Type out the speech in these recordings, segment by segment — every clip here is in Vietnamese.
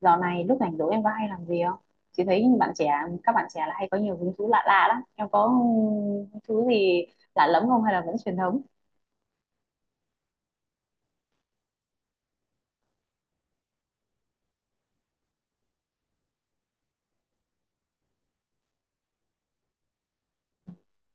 Dạo này lúc rảnh rỗi em có hay làm gì không? Chị thấy các bạn trẻ là hay có nhiều hứng thú lạ lạ lắm. Em có hứng thú gì lạ lẫm không hay là vẫn truyền thống?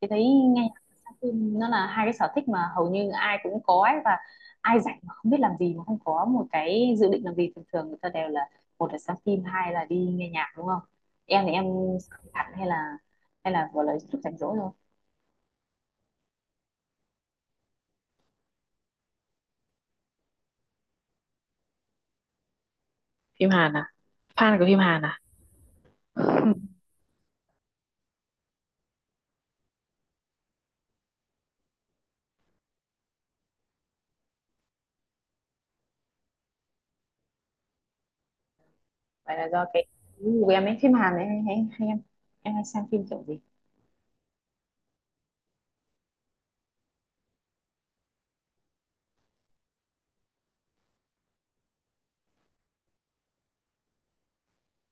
Chị thấy nghe nhạc và xem phim nó là hai cái sở thích mà hầu như ai cũng có ấy, và ai rảnh mà không biết làm gì, mà không có một cái dự định làm gì, thường thường người ta đều là một là xem phim, hai là đi nghe nhạc, đúng không? Em thì em xem hẳn hay là gọi là lúc rảnh rỗi thôi. Phim Hàn à? Fan của phim Hàn à? Vậy là do cái gu của em ấy, phim Hàn ấy hay hay, hay em hay xem phim kiểu gì?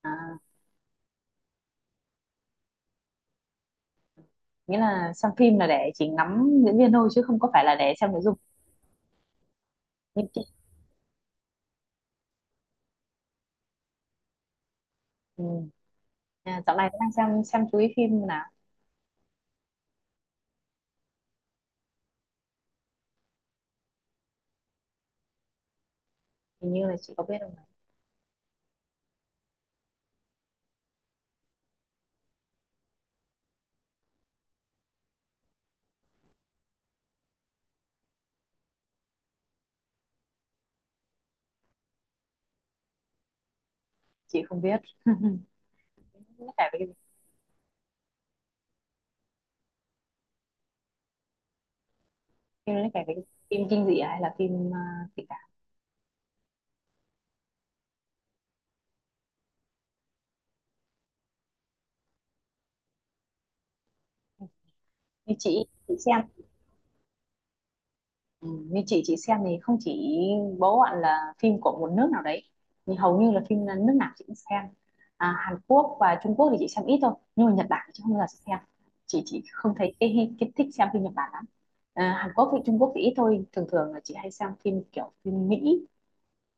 À, nghĩa là xem phim là để chỉ ngắm diễn viên thôi, chứ không có phải là để xem nội dung. Nhưng chị, ừ. À, dạo này đang xem chú ý phim nào. Hình như là chị có biết không nhỉ? Chị không biết, nó kể về cái gì? Phim nó kể về cái gì? Phim kinh dị à, hay là tình cảm? Như chị xem. Ừ, như chị xem thì không chỉ bố bạn là phim của một nước nào đấy, nhưng hầu như là phim là nước nào chị cũng xem. À, Hàn Quốc và Trung Quốc thì chị xem ít thôi, nhưng mà Nhật Bản thì chị không bao giờ xem. Chị không thấy cái thích xem phim Nhật Bản lắm. À, Hàn Quốc với Trung Quốc thì ít thôi, thường thường là chị hay xem phim kiểu phim Mỹ.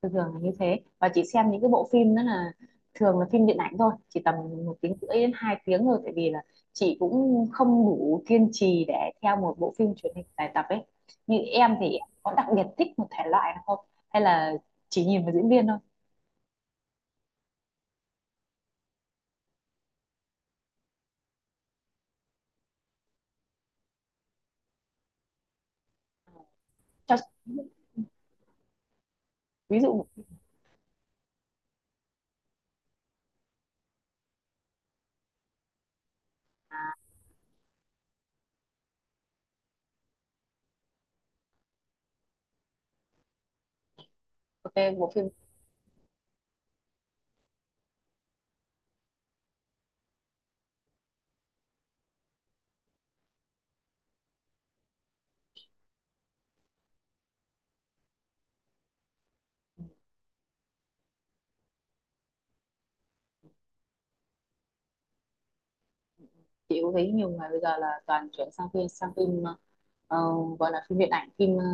Thường thường là như thế, và chị xem những cái bộ phim đó là thường là phim điện ảnh thôi, chỉ tầm một tiếng rưỡi đến hai tiếng thôi, tại vì là chị cũng không đủ kiên trì để theo một bộ phim truyền hình dài tập ấy. Như em thì em có đặc biệt thích một thể loại nào không, hay là chỉ nhìn vào diễn viên thôi? Cho ví dụ. Ok bộ phim. Chị cũng thấy nhiều người bây giờ là toàn chuyển sang phim ờ, gọi là phim điện ảnh,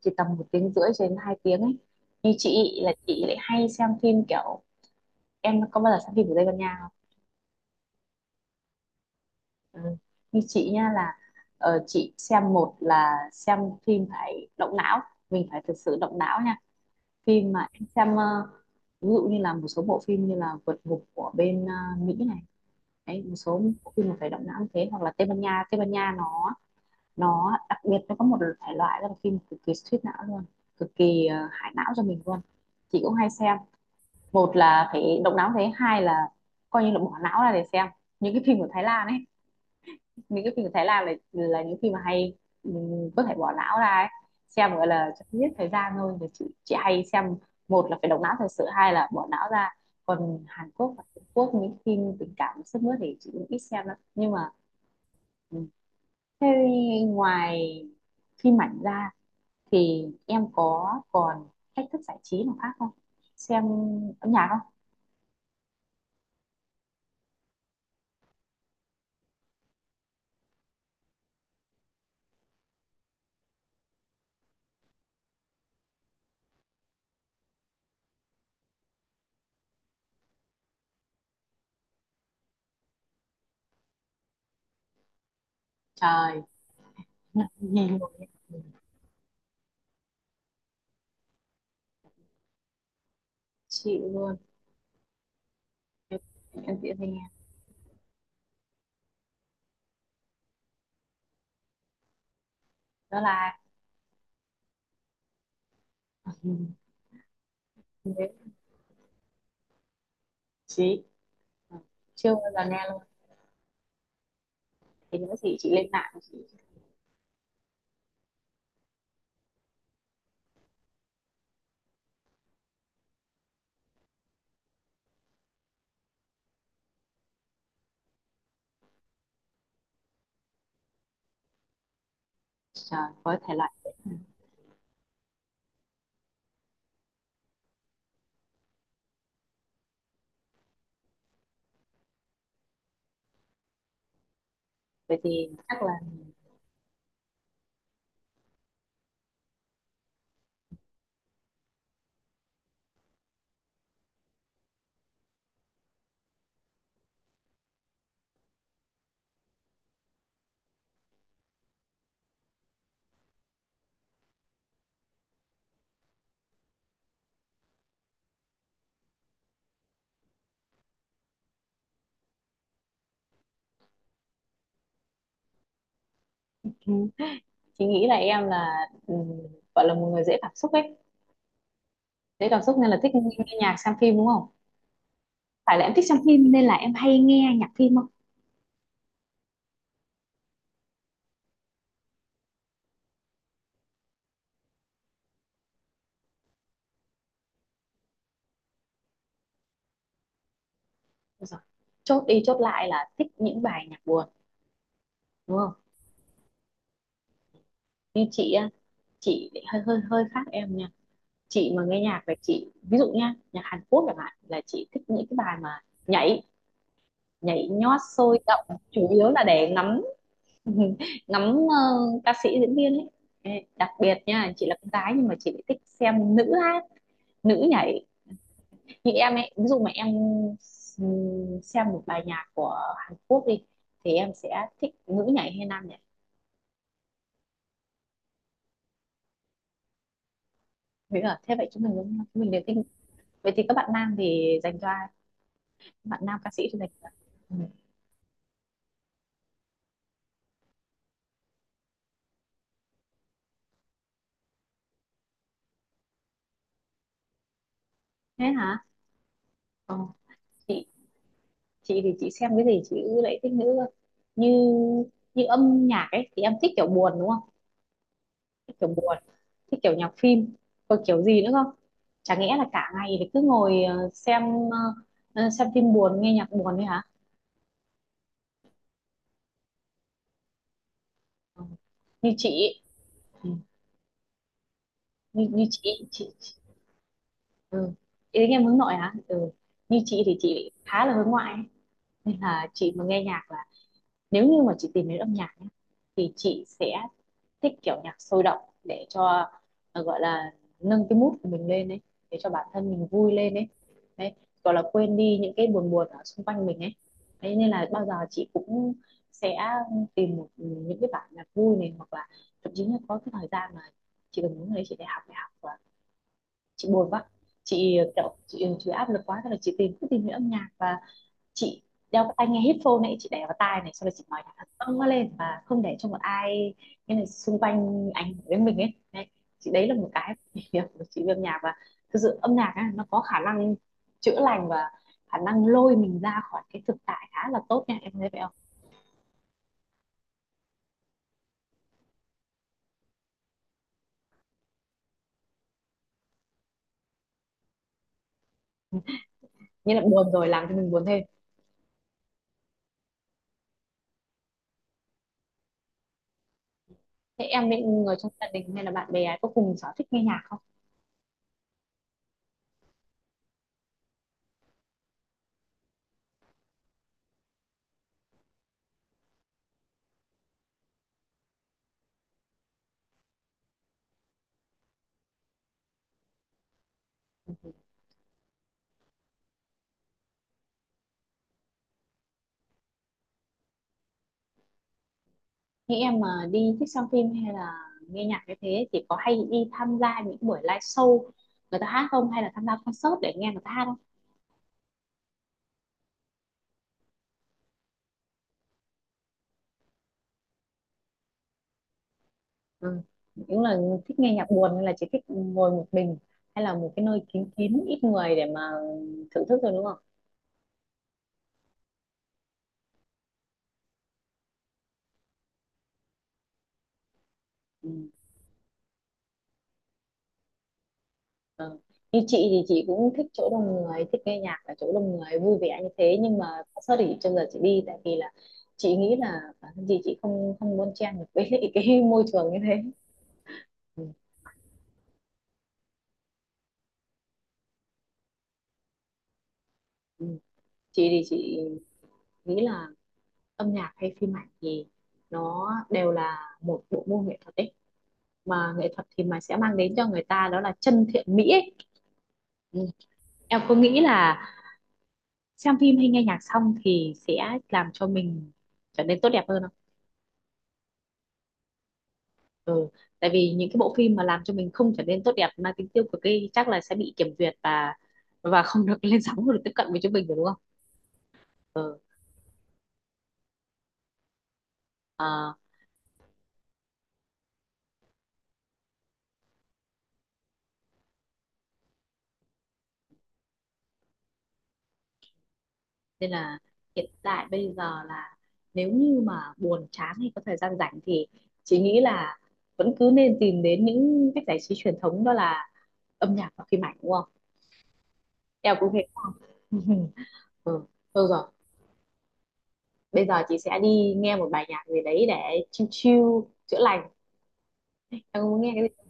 chỉ tầm một tiếng rưỡi cho đến hai tiếng ấy. Như chị là chị lại hay xem phim kiểu, em có bao giờ xem phim của Tây Ban Nha không? Ừ. Như chị nha là, chị xem, một là xem phim phải động não, mình phải thực sự động não nha. Phim mà em xem, ví dụ như là một số bộ phim như là Vượt Ngục của bên Mỹ này. Đấy, một số bộ phim mà phải động não như thế, hoặc là Tây Ban Nha. Tây Ban Nha nó đặc biệt, nó có một thể loại đó là phim cực kỳ suýt não luôn, cực kỳ hại não cho mình luôn. Chị cũng hay xem, một là phải động não thế, hai là coi như là bỏ não ra để xem những cái phim của Thái Lan ấy. Những cái phim của Thái Lan là những phim mà hay, mình có thể bỏ não ra ấy. Xem gọi là cho giết thời gian thôi thì chị hay xem, một là phải động não thật sự, hai là bỏ não ra. Còn Hàn Quốc và Trung Quốc những phim tình cảm sức mướt thì chị cũng ít xem lắm, nhưng mà ừ. Thế, ngoài phim ảnh ra thì em có còn cách thức giải trí nào khác không, xem âm nhạc không? Trời. Nhạc nhiều. Chị luôn, em em chị hay nghe. Đó là. Ừ. Chị Ờ, chưa bao giờ nghe luôn, thì nữa thì chị lên mạng, chị search với thể loại đấy. Ừ. Vậy thì chắc là ừ, chị nghĩ là em là, gọi là một người dễ cảm xúc ấy, dễ cảm xúc nên là thích nghe nhạc, xem phim đúng không? Phải là em thích xem phim nên là em hay nghe nhạc phim không? Đúng rồi. Chốt đi chốt lại là thích những bài nhạc buồn đúng không? Như chị á, chị lại hơi hơi hơi khác em nha. Chị mà nghe nhạc là chị, ví dụ nha, nhạc Hàn Quốc chẳng hạn là chị thích những cái bài mà nhảy nhảy nhót sôi động, chủ yếu là để ngắm ngắm, ờ, ca sĩ diễn viên ấy. Ê, đặc biệt nha, chị là con gái nhưng mà chị lại thích xem nữ hát, nữ nhảy. Như em ấy, ví dụ mà em xem một bài nhạc của Hàn Quốc đi thì em sẽ thích nữ nhảy hay nam nhảy? Thế là thế vậy chúng mình đúng không? Chúng mình đều thích. Vậy thì các bạn nam thì dành cho ai, các bạn nam ca sĩ thì dành cho ai? Ừ. Thế hả? Ờ, chị chị thì chị xem cái gì chị lại thích nữ cơ. Như như âm nhạc ấy thì em thích kiểu buồn đúng không, thích kiểu buồn. Thích kiểu nhạc phim. Còn kiểu gì nữa không? Chả nghĩa là cả ngày thì cứ ngồi xem, ờ, xem phim buồn, nghe nhạc buồn đấy hả? Ừ. Như chị ý. Ừ. Như chị. Ừ. Ý đến em hướng nội hả? Ừ. Như chị thì chị khá là hướng ngoại ấy. Nên là chị mà nghe nhạc là, nếu như mà chị tìm đến âm nhạc ấy, thì chị sẽ thích kiểu nhạc sôi động, để cho, gọi là nâng cái mood của mình lên ấy, để cho bản thân mình vui lên ấy, đấy, gọi là quên đi những cái buồn buồn ở xung quanh mình ấy. Thế nên là bao giờ chị cũng sẽ tìm một, những cái bản nhạc vui này, hoặc là thậm chí là có cái thời gian mà chị còn muốn, đấy, chị để học đại học và chị buồn quá, chị kiểu, chị áp lực quá, thế là chị cứ tìm những âm nhạc, và chị đeo cái tai nghe headphone này, chị để vào tai này xong rồi chị nói nhạc thật to lên, và không để cho một ai, cái này xung quanh ảnh hưởng đến mình ấy, đấy. Chị, đấy là một cái việc của chị về âm nhạc, và thực sự âm nhạc á, nó có khả năng chữa lành, và khả năng lôi mình ra khỏi cái thực tại khá là tốt nha, em thấy vậy không? Như là buồn rồi làm cho mình buồn thêm. Thế em với người trong gia đình hay là bạn bè có cùng sở thích nghe nhạc không? Nghĩ em mà đi thích xem phim hay là nghe nhạc cái thế thì có hay đi tham gia những buổi live show người ta hát không, hay là tham gia concert để nghe người ta hát không? Ừ. Những là thích nghe nhạc buồn nên là chỉ thích ngồi một mình, hay là một cái nơi kín kín ít người để mà thưởng thức rồi đúng không? Ừ. Ừ. Như chị thì chị cũng thích chỗ đông người, thích nghe nhạc ở chỗ đông người vui vẻ như thế, nhưng mà concert thì trước giờ chị đi, tại vì là chị nghĩ là bản thân chị không không bon chen được với lại cái môi trường như thế. Ừ. Ừ. Chị thì chị nghĩ là âm nhạc hay phim ảnh thì nó đều là một bộ môn nghệ thuật ấy, mà nghệ thuật thì mà sẽ mang đến cho người ta đó là chân thiện mỹ ấy. Ừ. Em có nghĩ là xem phim hay nghe nhạc xong thì sẽ làm cho mình trở nên tốt đẹp hơn không? Ừ. Tại vì những cái bộ phim mà làm cho mình không trở nên tốt đẹp mà tính tiêu cực ấy chắc là sẽ bị kiểm duyệt, và không được lên sóng, không được tiếp cận với chúng mình rồi đúng không? Ừ. Ờ, nên là hiện tại bây giờ là, nếu như mà buồn chán hay có thời gian rảnh thì chị nghĩ là vẫn cứ nên tìm đến những cách giải trí truyền thống, đó là âm nhạc và phim ảnh đúng không, em cũng thế. Ừ, thôi rồi. Bây giờ chị sẽ đi nghe một bài nhạc gì đấy để chill chill, chữa lành. Em muốn nghe cái gì?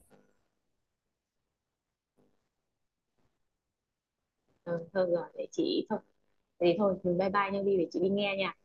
Ừ, thôi rồi, để chị thôi. Thế thì thôi, bye bye nha Vy, để chị đi nghe nha.